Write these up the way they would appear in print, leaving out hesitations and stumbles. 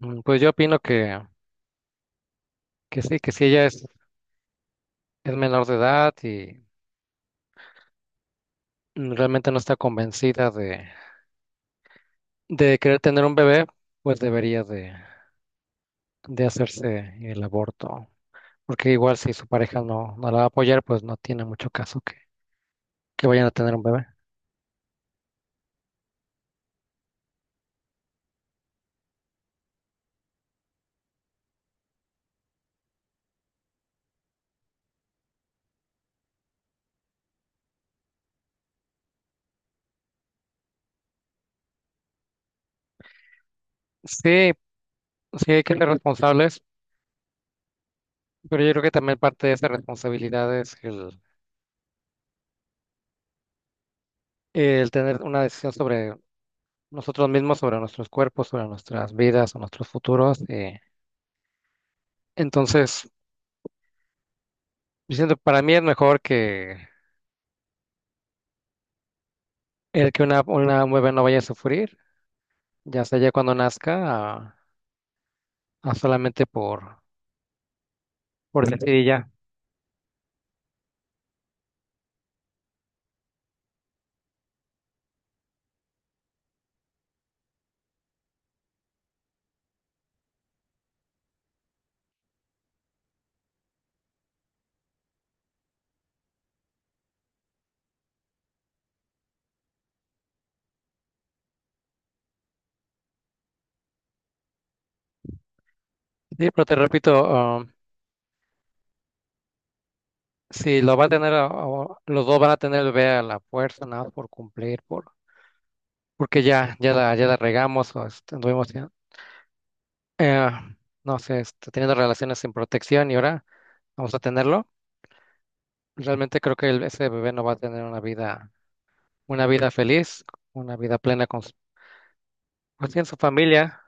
Pues yo opino que sí, que si ella es menor de edad y realmente no está convencida de querer tener un bebé, pues debería de hacerse el aborto. Porque igual si su pareja no, no la va a apoyar, pues no tiene mucho caso que vayan a tener un bebé. Sí, sí hay que ser responsables, pero yo creo que también parte de esa responsabilidad es el tener una decisión sobre nosotros mismos, sobre nuestros cuerpos, sobre nuestras vidas, o nuestros futuros. Entonces, yo siento que para mí es mejor que el que una mueve no vaya a sufrir, ya sea ya cuando nazca, a, a solamente por ujú, decir y ya. Sí, pero te repito, si lo va a tener, o los dos van a tener el bebé a la fuerza, nada más por cumplir, porque ya, ya la regamos o este, anduvimos ya, eh, no sé, este, teniendo relaciones sin protección y ahora vamos a tenerlo. Realmente creo que ese bebé no va a tener una vida feliz, una vida plena con su, pues, sí, en su familia.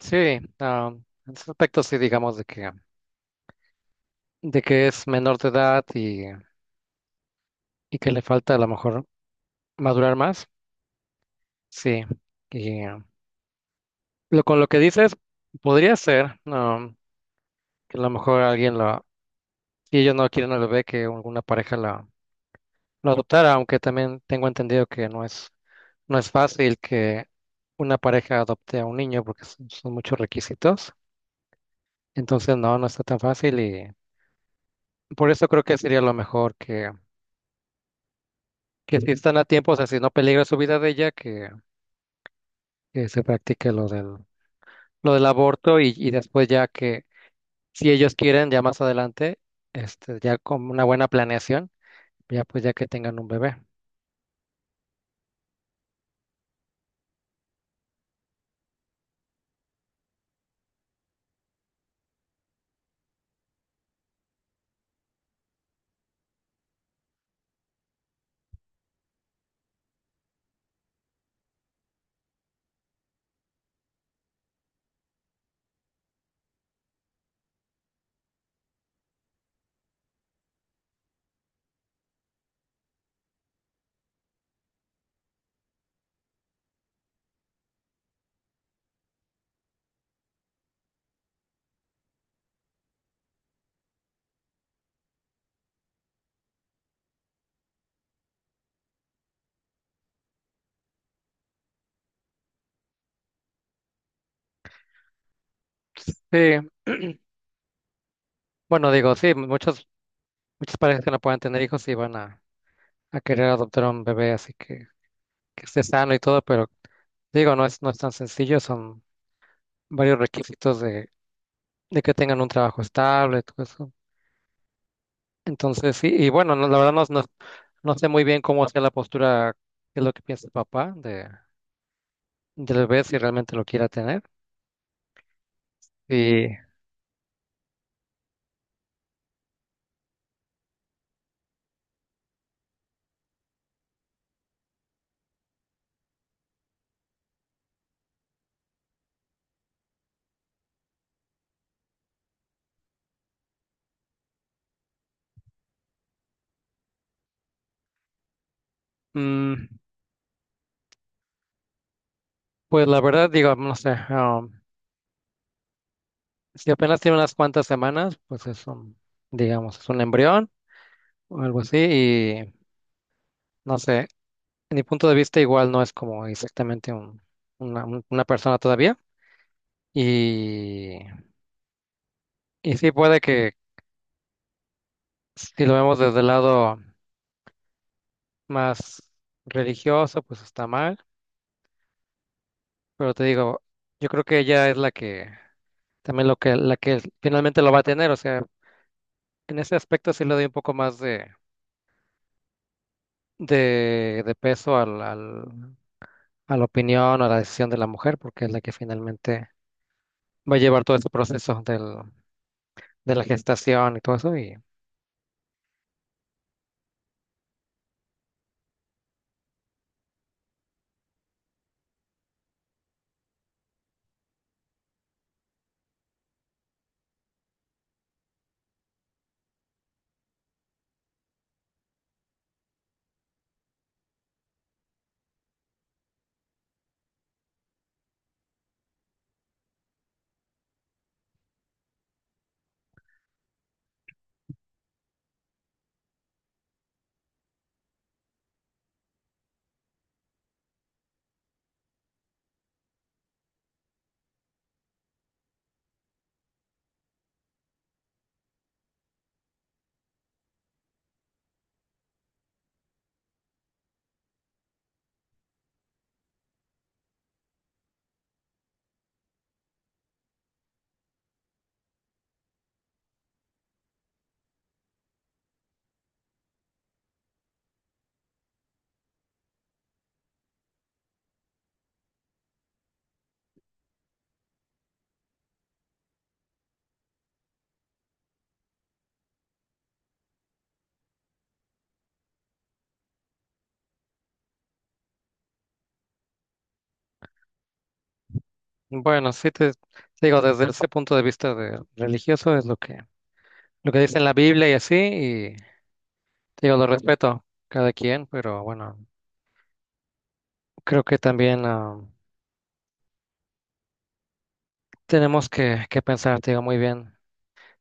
Sí, en ese aspecto sí, digamos, de que es menor de edad y que le falta a lo mejor madurar más. Sí, y lo, con lo que dices, podría ser que a lo mejor alguien lo, si ellos no quieren al bebé, que alguna pareja la, lo adoptara, aunque también tengo entendido que no es fácil que una pareja adopte a un niño porque son muchos requisitos. Entonces, no, no está tan fácil y por eso creo que sería lo mejor que si están a tiempo, o sea, si no peligra su vida de ella, que se practique lo del aborto y después ya que, si ellos quieren, ya más adelante, este, ya con una buena planeación, ya pues ya que tengan un bebé. Sí, bueno, digo, sí, muchos, muchas parejas que no puedan tener hijos sí van a querer adoptar a un bebé, así que esté sano y todo, pero digo, no es tan sencillo, son varios requisitos de que tengan un trabajo estable. Entonces, sí, y bueno, no, la verdad no, no, no sé muy bien cómo sea la postura, qué es lo que piensa el papá del bebé, si realmente lo quiera tener. Y mm, pues la verdad, digo, no sé, si apenas tiene unas cuantas semanas, pues es un, digamos, es un embrión o algo así, y no sé, en mi punto de vista igual no es como exactamente un, una, una persona todavía. Y, y sí puede que si lo vemos desde el lado más religioso, pues está mal. Pero te digo, yo creo que ella es la que también lo que la que finalmente lo va a tener. O sea, en ese aspecto sí le doy un poco más de peso a la opinión o a la decisión de la mujer, porque es la que finalmente va a llevar todo este proceso del, de la gestación y todo eso. Y bueno, sí te, digo, desde ese punto de vista de religioso es lo que dice en la Biblia y así, y te digo, lo respeto cada quien, pero bueno, creo que también. Tenemos que pensar, te digo, muy bien,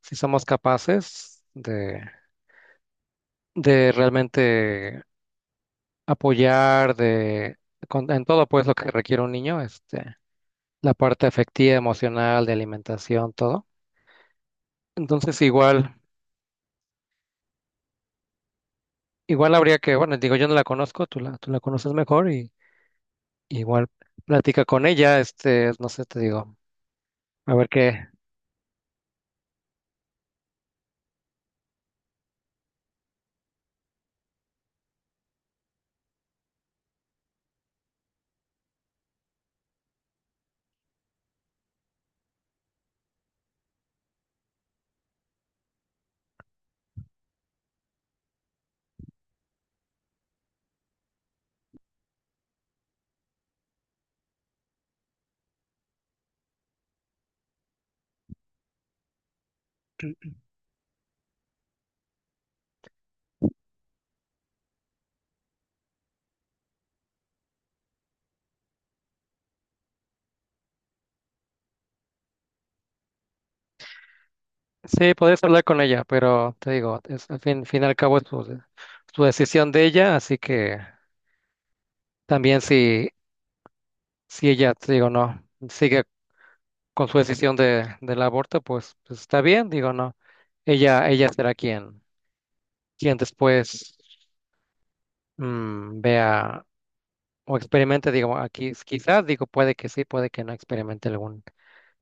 si somos capaces de realmente apoyar en todo pues lo que requiere un niño, este, la parte afectiva, emocional, de alimentación, todo. Entonces igual, igual habría que, bueno, digo, yo no la conozco, tú la conoces mejor y igual platica con ella, este, no sé, te digo, a ver qué. Sí, podés hablar con ella, pero te digo, es, al fin y al cabo es su, su decisión de ella, así que también si si ella, te digo, no, sigue con su decisión del aborto, pues, pues está bien, digo, no. Ella será quien después vea o experimente, digo, aquí quizás, digo, puede que sí, puede que no experimente algún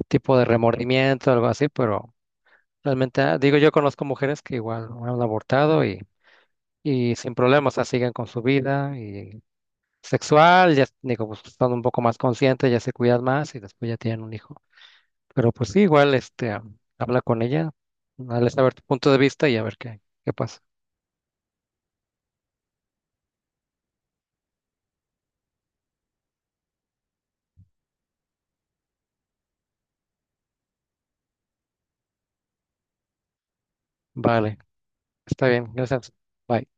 tipo de remordimiento, algo así, pero realmente, digo, yo conozco mujeres que igual han abortado y sin problemas, o sea, siguen con su vida y sexual, ya, digo, pues, son un poco más conscientes, ya se cuidan más y después ya tienen un hijo. Pero pues sí, igual, este, habla con ella, dale saber tu punto de vista y a ver qué pasa. Vale, está bien, gracias. Bye.